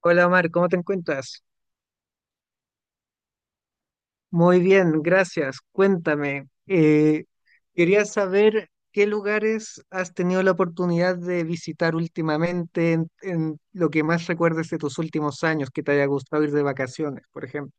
Hola Omar, ¿cómo te encuentras? Muy bien, gracias. Cuéntame, quería saber qué lugares has tenido la oportunidad de visitar últimamente en lo que más recuerdes de tus últimos años, que te haya gustado ir de vacaciones, por ejemplo.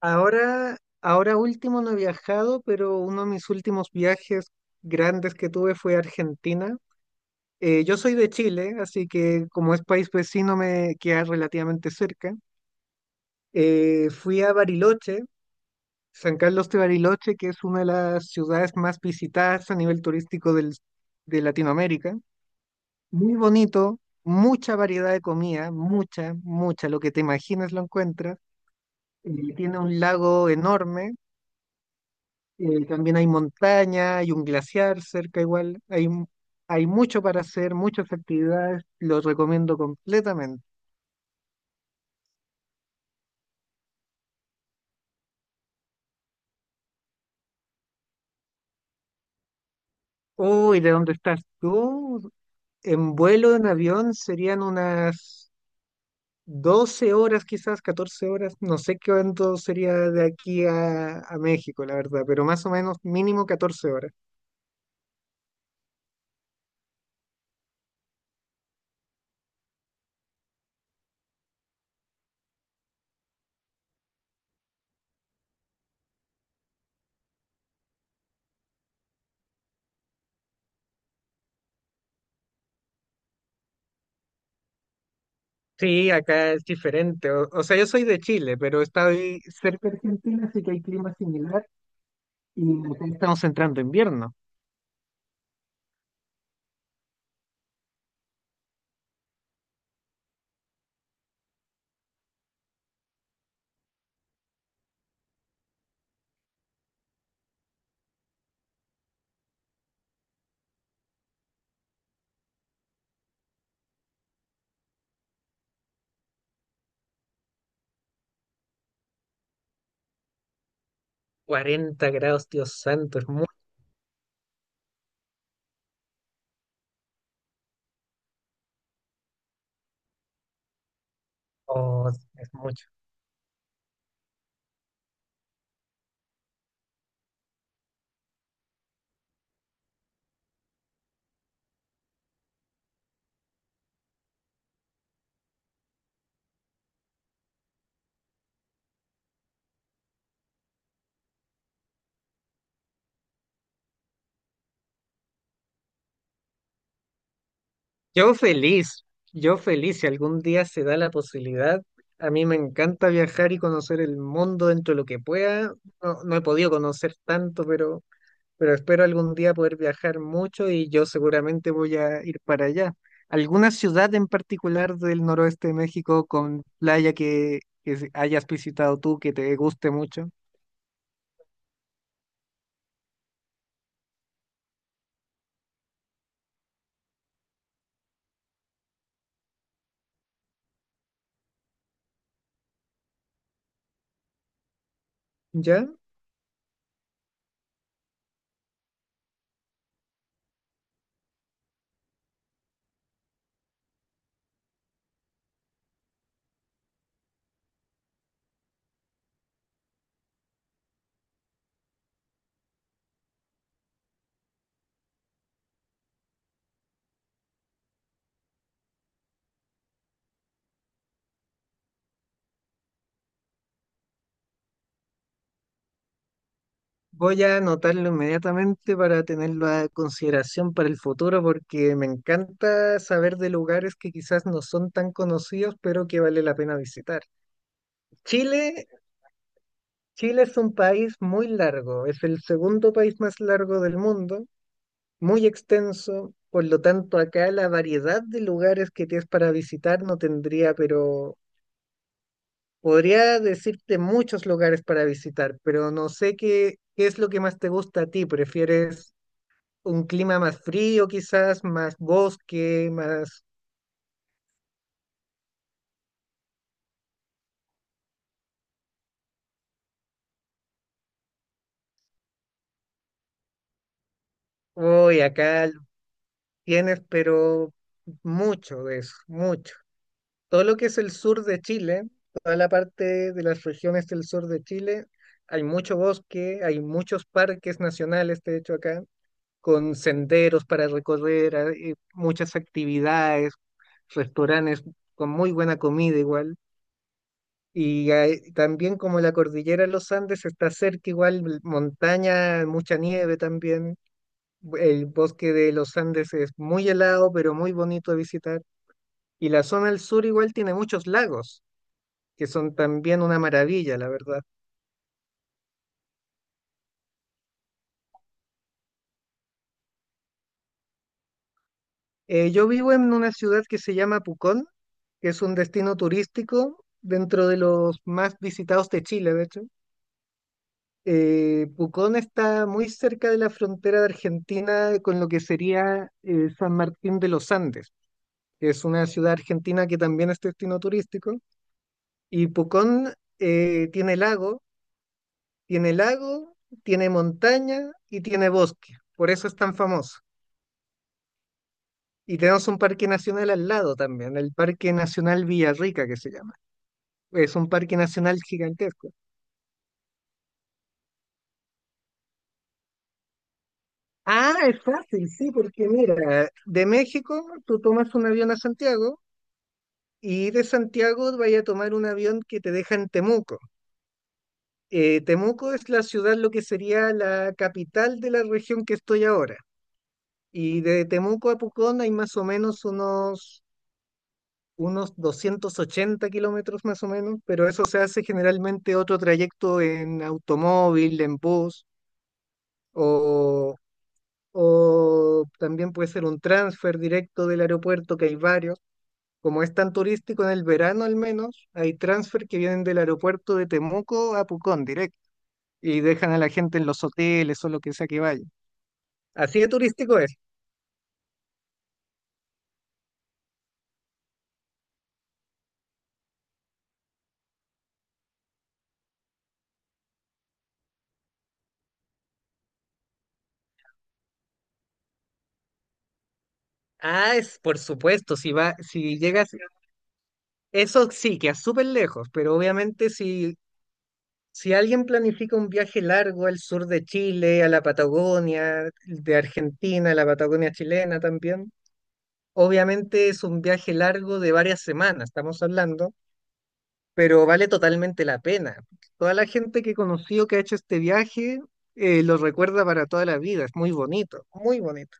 Ahora último no he viajado, pero uno de mis últimos viajes grandes que tuve fue a Argentina. Yo soy de Chile, así que como es país vecino me queda relativamente cerca. Fui a Bariloche, San Carlos de Bariloche, que es una de las ciudades más visitadas a nivel turístico de Latinoamérica. Muy bonito, mucha variedad de comida, mucha, lo que te imagines lo encuentras. Tiene un lago enorme, también hay montaña, hay un glaciar cerca igual, hay mucho para hacer, muchas actividades, lo recomiendo completamente. Uy, ¿de dónde estás tú? En vuelo, en avión, serían unas 12 horas, quizás 14 horas, no sé cuánto sería de aquí a México, la verdad, pero más o menos mínimo 14 horas. Sí, acá es diferente. O sea, yo soy de Chile, pero estoy cerca de Argentina, así que hay clima similar y acá estamos entrando invierno. 40 grados, Dios santo, es mucho, es mucho. Yo feliz, yo feliz, si algún día se da la posibilidad. A mí me encanta viajar y conocer el mundo dentro de lo que pueda. No, no he podido conocer tanto, pero espero algún día poder viajar mucho y yo seguramente voy a ir para allá. ¿Alguna ciudad en particular del noroeste de México con playa que hayas visitado tú que te guste mucho? ¿Ya? Voy a anotarlo inmediatamente para tenerlo a consideración para el futuro porque me encanta saber de lugares que quizás no son tan conocidos, pero que vale la pena visitar. Chile, Chile es un país muy largo, es el segundo país más largo del mundo, muy extenso, por lo tanto acá la variedad de lugares que tienes para visitar no tendría, pero podría decirte muchos lugares para visitar, pero no sé qué es lo que más te gusta a ti. ¿Prefieres un clima más frío quizás, más bosque, más... Uy, acá tienes, pero mucho de eso, mucho. Todo lo que es el sur de Chile, toda la parte de las regiones del sur de Chile, hay mucho bosque, hay muchos parques nacionales, de hecho, acá, con senderos para recorrer, hay muchas actividades, restaurantes con muy buena comida igual. También como la cordillera de los Andes está cerca igual, montaña, mucha nieve también. El bosque de los Andes es muy helado, pero muy bonito de visitar. Y la zona del sur igual tiene muchos lagos que son también una maravilla, la verdad. Yo vivo en una ciudad que se llama Pucón, que es un destino turístico dentro de los más visitados de Chile, de hecho. Pucón está muy cerca de la frontera de Argentina con lo que sería San Martín de los Andes, que es una ciudad argentina que también es destino turístico. Y Pucón tiene lago, tiene lago, tiene montaña y tiene bosque. Por eso es tan famoso. Y tenemos un parque nacional al lado también, el Parque Nacional Villarrica que se llama. Es un parque nacional gigantesco. Ah, es fácil, sí, porque mira, de México tú tomas un avión a Santiago y de Santiago vaya a tomar un avión que te deja en Temuco. Temuco es la ciudad, lo que sería la capital de la región que estoy ahora. Y de Temuco a Pucón hay más o menos unos 280 kilómetros más o menos, pero eso se hace generalmente otro trayecto en automóvil, en bus, o, o también puede ser un transfer directo del aeropuerto, que hay varios. Como es tan turístico en el verano al menos, hay transfer que vienen del aeropuerto de Temuco a Pucón directo y dejan a la gente en los hoteles o lo que sea que vaya. Así de turístico es. Ah, es por supuesto, si va, si llegas, eso sí, que es súper lejos, pero obviamente si alguien planifica un viaje largo al sur de Chile, a la Patagonia, de Argentina, a la Patagonia chilena también, obviamente es un viaje largo de varias semanas, estamos hablando, pero vale totalmente la pena. Toda la gente que he conocido que ha hecho este viaje lo recuerda para toda la vida, es muy bonito,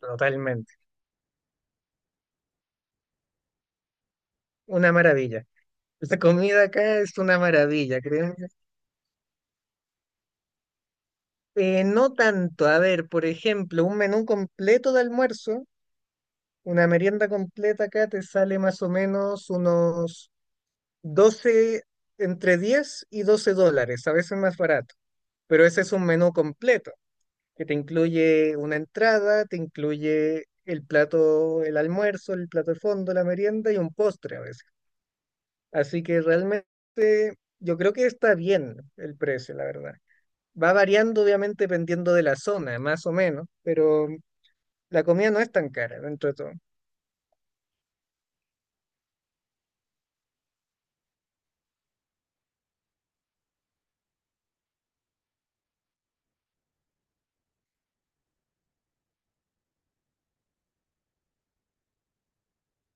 totalmente, una maravilla. La comida acá es una maravilla, créeme. No tanto, a ver, por ejemplo, un menú completo de almuerzo. Una merienda completa acá te sale más o menos unos 12 entre 10 y 12 dólares, a veces más barato. Pero ese es un menú completo, que te incluye una entrada, te incluye el plato, el almuerzo, el plato de fondo, la merienda y un postre a veces. Así que realmente yo creo que está bien el precio, la verdad. Va variando obviamente dependiendo de la zona, más o menos, pero la comida no es tan cara dentro de todo.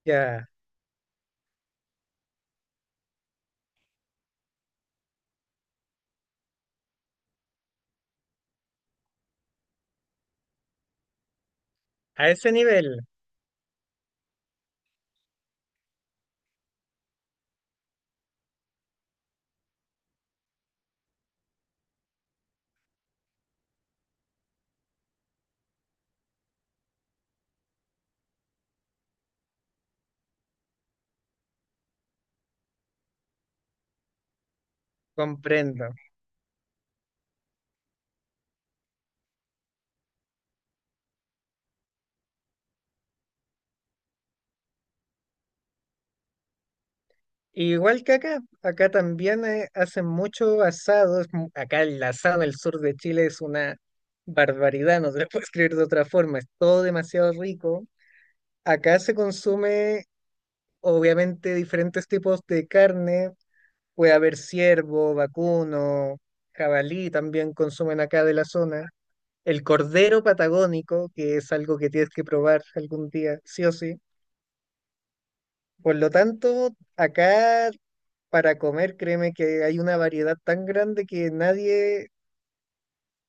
Ya, a ese nivel. Comprendo. Igual que acá, acá también hacen mucho asado. Acá el asado del sur de Chile es una barbaridad, no se lo puedo escribir de otra forma, es todo demasiado rico. Acá se consume, obviamente, diferentes tipos de carne. Puede haber ciervo, vacuno, jabalí también consumen acá de la zona. El cordero patagónico, que es algo que tienes que probar algún día, sí o sí. Por lo tanto, acá para comer, créeme que hay una variedad tan grande que nadie,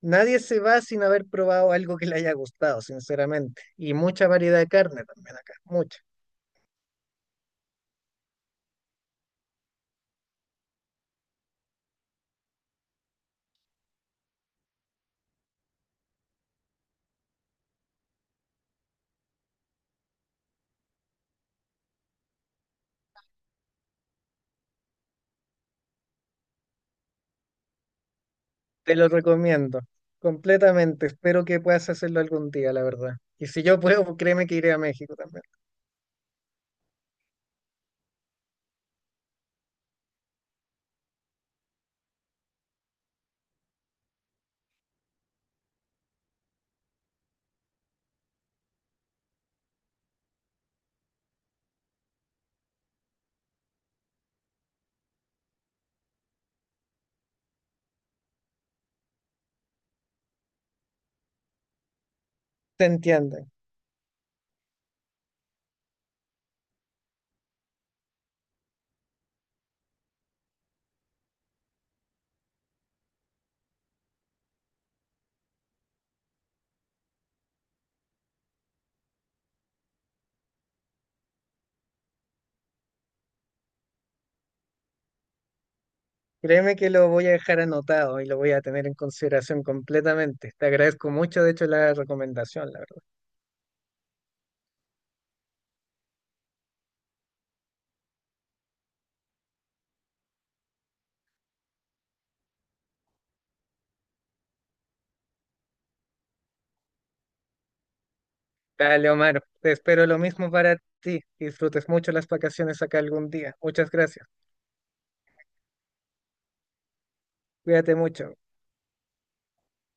nadie se va sin haber probado algo que le haya gustado, sinceramente. Y mucha variedad de carne también acá, mucha. Te lo recomiendo completamente. Espero que puedas hacerlo algún día, la verdad. Y si yo puedo, pues, créeme que iré a México también. Te entienden. Créeme que lo voy a dejar anotado y lo voy a tener en consideración completamente. Te agradezco mucho, de hecho, la recomendación, la verdad. Dale, Omar, te espero lo mismo para ti. Disfrutes mucho las vacaciones acá algún día. Muchas gracias. Cuídate mucho.